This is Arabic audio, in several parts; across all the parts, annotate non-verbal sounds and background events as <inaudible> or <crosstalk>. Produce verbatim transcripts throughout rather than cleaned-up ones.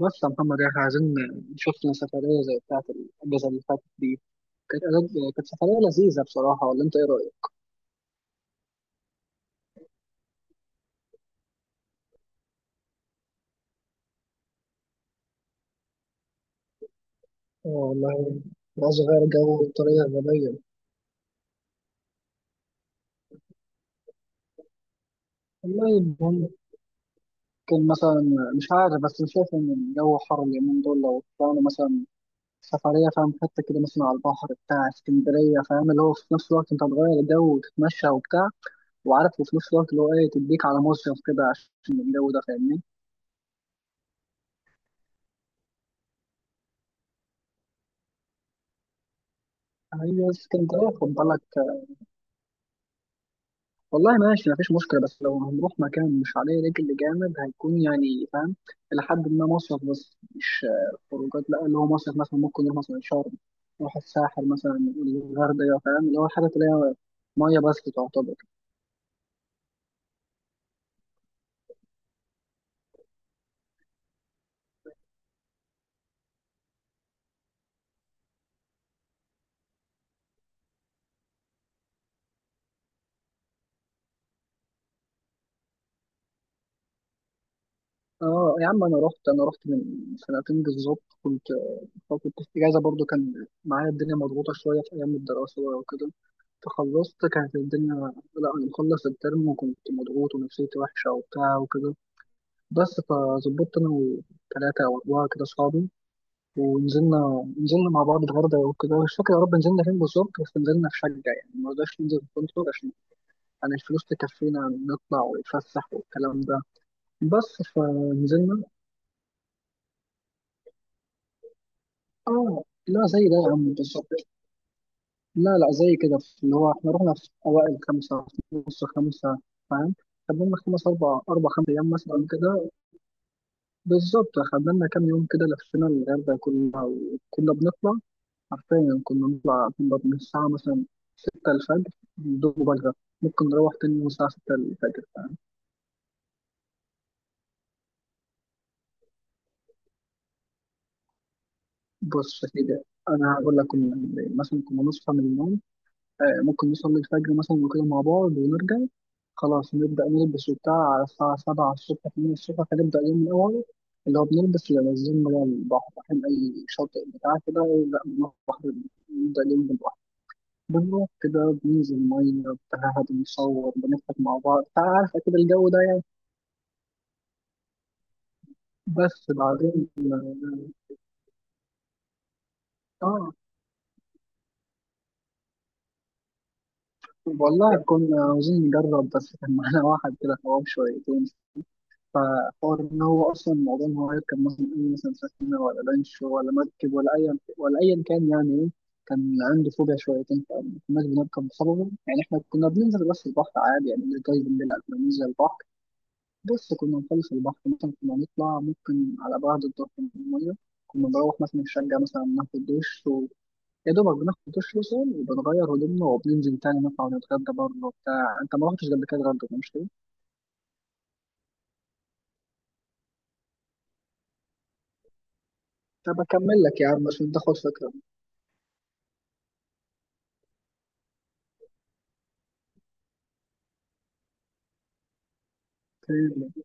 بس يا محمد احنا عايزين شفنا سفرية زي بتاعة الأجازة اللي فاتت دي. كانت أجازة كانت سفرية لذيذة بصراحة، ولا أنت إيه رأيك؟ اه والله، عايز أغير جو بطريقة غبية. والله ممكن مثلا. مش عارف، بس أنا شايف إن الجو حر اليومين دول. لو طلعنا مثلا سفرية، فاهم، حتة كده مثلا على البحر بتاع اسكندرية، فاهم، اللي هو في نفس الوقت أنت هتغير الجو وتتمشى وبتاع، وعارف، وفي نفس الوقت اللي هو إيه تديك على مصيف كده عشان الجو ده، فاهمني؟ هي اسكندرية خد بالك. والله ماشي مفيش مشكلة، بس لو هنروح مكان مش عليه رجل جامد هيكون يعني فاهم إلى حد ما مصيف، بس مش آه، خروجات، لا اللي هو مصيف. مثلا ممكن نروح مثلا شرم، نروح الساحل مثلا، الغردقة، فاهم اللي هو الحاجات اللي هي مية بس تعتبر. اه يا عم، أنا رحت أنا رحت من سنتين بالظبط. كنت آه، فترة الإجازة برضو كان معايا الدنيا مضغوطة شوية في أيام الدراسة بقى وكده، فخلصت كانت الدنيا. لا أنا مخلص الترم وكنت مضغوط ونفسيتي وحشة وبتاع وكده. بس فظبطت انا وثلاثه او اربعه كده اصحابي ونزلنا. نزلنا مع بعض الغردقه وكده، مش فاكر يا رب نزلنا فين بالظبط، بس نزلنا في شقه يعني، ما رضاش ننزل في فندق عشان يعني الفلوس تكفينا نطلع ونتفسح والكلام ده. بس فنزلنا. اه لا زي ده يا عم بالظبط. لا لا زي كده في- اللي هو احنا رحنا في اوائل خمسه، في نص خمسه، فاهم؟ خدنا لنا خمس أربع أربع خمس أيام مثلا كده. بالظبط خدنا لنا كام يوم كده، لفينا الغردقة كلها وكنا بنطلع. حرفيا كنا نطلع نقعد من الساعة مثلا ستة الفجر، بدون مبالغة. ممكن نروح تاني يوم الساعة ستة الفجر، فاهم؟ بص يا سيدي، أنا هقول لك كنا بنعمل إيه. مثلا كنا نصحى من النوم، آه، ممكن نصلي الفجر مثلا وكده مع بعض ونرجع. خلاص نبدأ نلبس وبتاع، على الساعة سبعة الصبح تمانية الصبح هنبدأ اليوم من أوله، اللي هو بنلبس اللي نازلين بقى البحر، رايحين أي شاطئ بتاع كده، لا نروح نبدأ اليوم بالبحر. بنروح كده بننزل مية بتاع، حد بنصور بنضحك مع بعض، عارفة كده الجو ده يعني. بس بعدين اه آه، والله كنا عاوزين نجرب، بس كان معانا واحد كده حرام شويتين، فحوار ان هو اصلا الموضوع ان هو يركب مثلا اي مثلا سفينه ولا لانش ولا مركب ولا اي ولا ايا كان يعني ايه. كان عنده فوبيا شويتين، فما كناش بنركب بسببه يعني. احنا كنا بننزل بس البحر عادي، يعني مش جايبين بنلعب بننزل البحر. بص كنا نخلص البحر مثلا، كنا نطلع ممكن على بعد الظهر من المية، كنا نروح مثلا الشقة مثلا ناخد دش، و... يا دوبك بناخد دش مثلا وبنغير هدومنا وبننزل تاني نطلع ونتغدى بره وبتاع. انت ما رحتش قبل كده اتغدى مش كده؟ طب اكمل لك يا عم عشان تاخد فكرة. اوكي.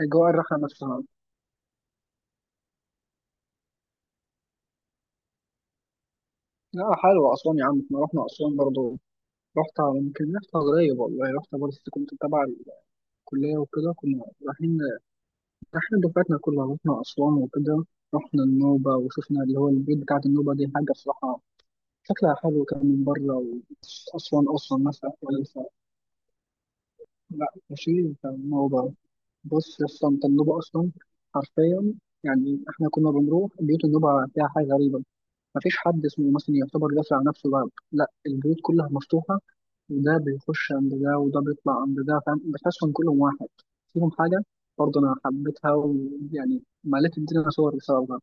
اجواء الرحلة نفسها. لا، حلوة أسوان يا عم، احنا رحنا أسوان برضه. رحت يمكن رحت قريب، والله رحت برضه كنت تبع الكلية وكده، كنا رايحين احنا دفعتنا كلها رحنا أسوان وكده. رحنا النوبة وشفنا اللي هو البيت بتاعت النوبة، دي حاجة بصراحة. شكلها حلو كان من بره، وأسوان أصلا ناسها كويسة. لا ماشي النوبة. بص أصلا أنت، النوبة أصلا حرفيا يعني. احنا كنا بنروح بيوت النوبة، فيها حاجة غريبة. مفيش حد اسمه مثلا يعتبر قافل على نفسه باب، لا البيوت كلها مفتوحة، وده بيخش عند ده وده بيطلع عند ده، فاهم، بتحسهم كلهم واحد. فيهم حاجة برضه أنا حبيتها، ويعني مليت الدنيا صور بسببها.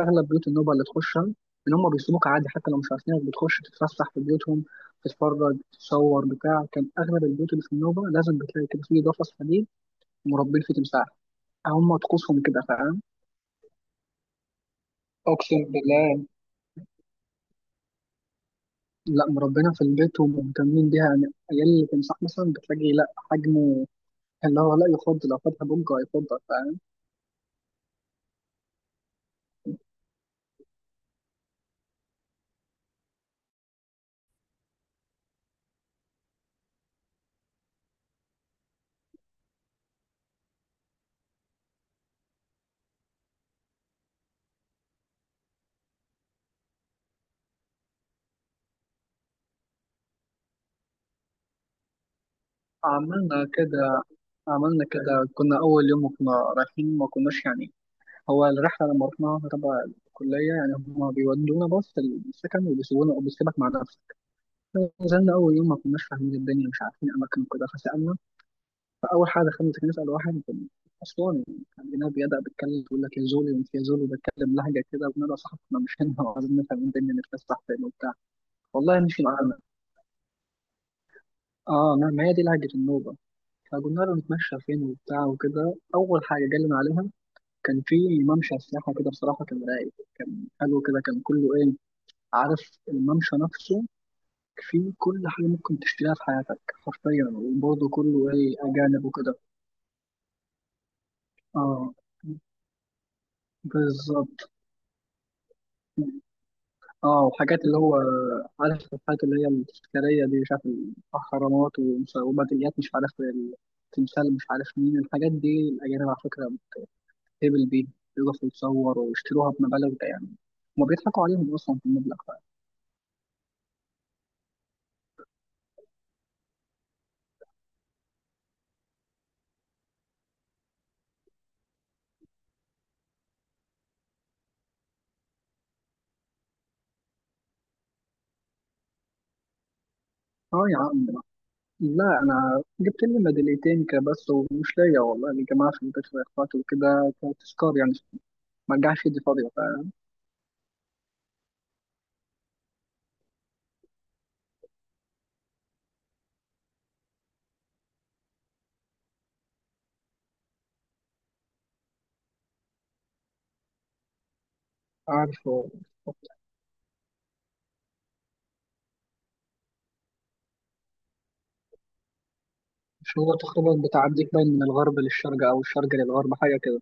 اغلب بيوت النوبه اللي تخشها ان هم بيسيبوك عادي، حتى لو مش عارفينك بتخش تتفسح في بيوتهم، تتفرج تتصور بتاع. كان اغلب البيوت اللي في النوبه لازم بتلاقي كده فيه قفص حديد مربين فيه تمساح. هم طقوسهم كده، فاهم؟ اقسم بالله. لا مربينا في البيت، ومهتمين بيها يعني. عيال التمساح مثلا بتلاقي لا حجمه اللي هو لا يفضل، لو فاتها بوجه هيفضل، فاهم؟ عملنا كده. عملنا كده كنا اول يوم، وكنا رايحين ما كناش يعني، هو الرحلة لما رحناها تبع الكلية يعني، هما بيودونا بس السكن وبيسيبونا وبيسيبك مع نفسك. نزلنا أول يوم ما كناش فاهمين الدنيا، مش عارفين أماكن وكده فسألنا. فأول حاجة خلينا نسأل واحد أسواني كان هناك، بيبدأ بيتكلم يقول لك يا زولي وأنت يا زولي، وبيتكلم لهجة كده، وبنبقى صاحبنا احنا مش هنا <laughs> وعايزين نفهم الدنيا نتفسح فين وبتاع. والله مشي معانا. اه، ما ما هي دي لهجة النوبة. فقلنا له نتمشى فين وبتاع وكده. أول حاجة جالنا عليها كان في ممشى سياحة كده، بصراحة كان رايق كان حلو كده، كان كله ايه، عارف الممشى نفسه فيه كل حاجة ممكن تشتريها في حياتك حرفيا، وبرضه كله ايه أجانب وكده. اه بالظبط. اه وحاجات اللي هو عارف الحاجات اللي هي التذكارية دي، مش عارف الأهرامات ومش- وميداليات مش عارف التمثال مش عارف مين الحاجات دي. الأجانب على فكرة بتهبل بيها، يقفوا يتصوروا ويشتروها بمبالغ ده يعني، هما بيضحكوا عليهم أصلا في المبلغ ده. اه يا عم. لا انا جبت لي ميداليتين كده بس، ومش ليا والله، اللي جماعه في البيت واخواتي وكده، كتذكار يعني، ما رجعش ايدي فاضيه. فعارف هو- مش هو تقريبا بتعديك باين من الغرب للشرق او الشرق للغرب حاجه كده؟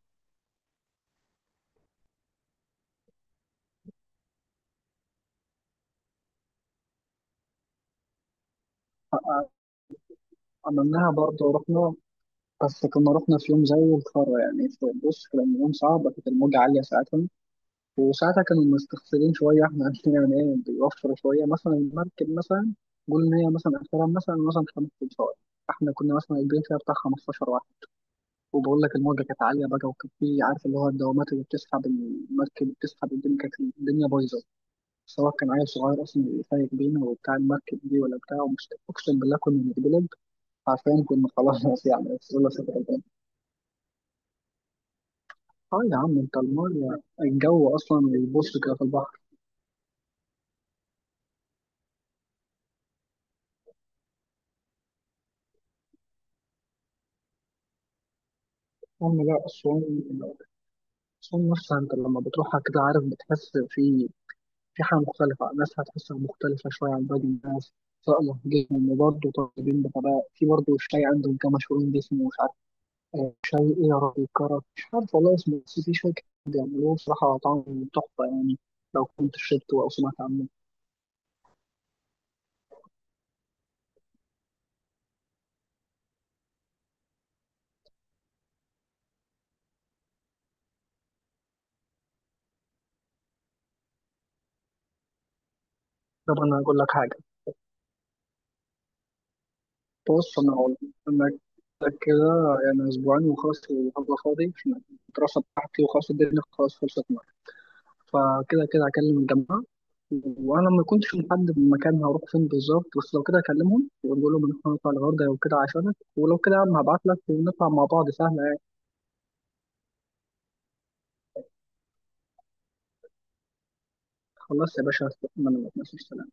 أ- عملناها برضه ورحنا. بس كنا رحنا في يوم زي الخرا يعني، في- بص كان يوم صعب، كانت الموجة عالية ساعتها. وساعتها كانوا مستخسرين شوية احنا <laughs> عندنا من ايه، بيوفروا شوية مثلا المركب مثلا. قول إن هي مثلا آخرها مثلا مثلا 5 ساعات، احنا كنا مثلا البيت فيها بتاع خمسة عشر. وبقول لك الموجة كانت عالية بقى، وكان في عارف اللي هو الدوامات اللي بتسحب المركب بتسحب الدنيا، كانت الدنيا بايظة. سواء كان عيل صغير أصلا اللي سايق بينا وبتاع المركب دي ولا بتاع، ومش أقسم بالله كنا بنتقلب. عارفين كنا خلاص <laughs> يعني، بس يلا سافر البلد. اه يا عم، انت المية الجو أصلا بيبص كده في البحر. أما لا أسوان. أسوان نفسها انت لما بتروحها كده عارف بتحس في في حاجة مختلفة. الناس هتحسها مختلفة شوية عن باقي الناس، سواء لهجتهم، وبرضه طالبين بغباء في برضه شاي عندهم كان مشهورين باسمه، مش عارف آه، شاي ايه يا ربي، كرك مش عارف والله اسمه، بس في شاي كده بيعملوه بصراحة طعمه تحفة يعني، لو كنت شربته أو سمعت عنه. طب أنا هقول لك حاجة. بص أنا هقول لك أنا كده يعني أسبوعين وخلاص الأرض فاضي، عشان الدراسة بتاعتي وخلاص الدنيا خلاص خلصت معايا. فكده كده هكلم الجماعة، وأنا ما كنتش محدد المكان هروح فين بالظبط، بس لو كده هكلمهم وأقول لهم إن إحنا هنطلع الغردقة وكده عشانك، ولو كده يا عم هبعت لك ونطلع مع بعض سهلة يعني. خلاص يا باشا، استنى منك ماشي، سلام.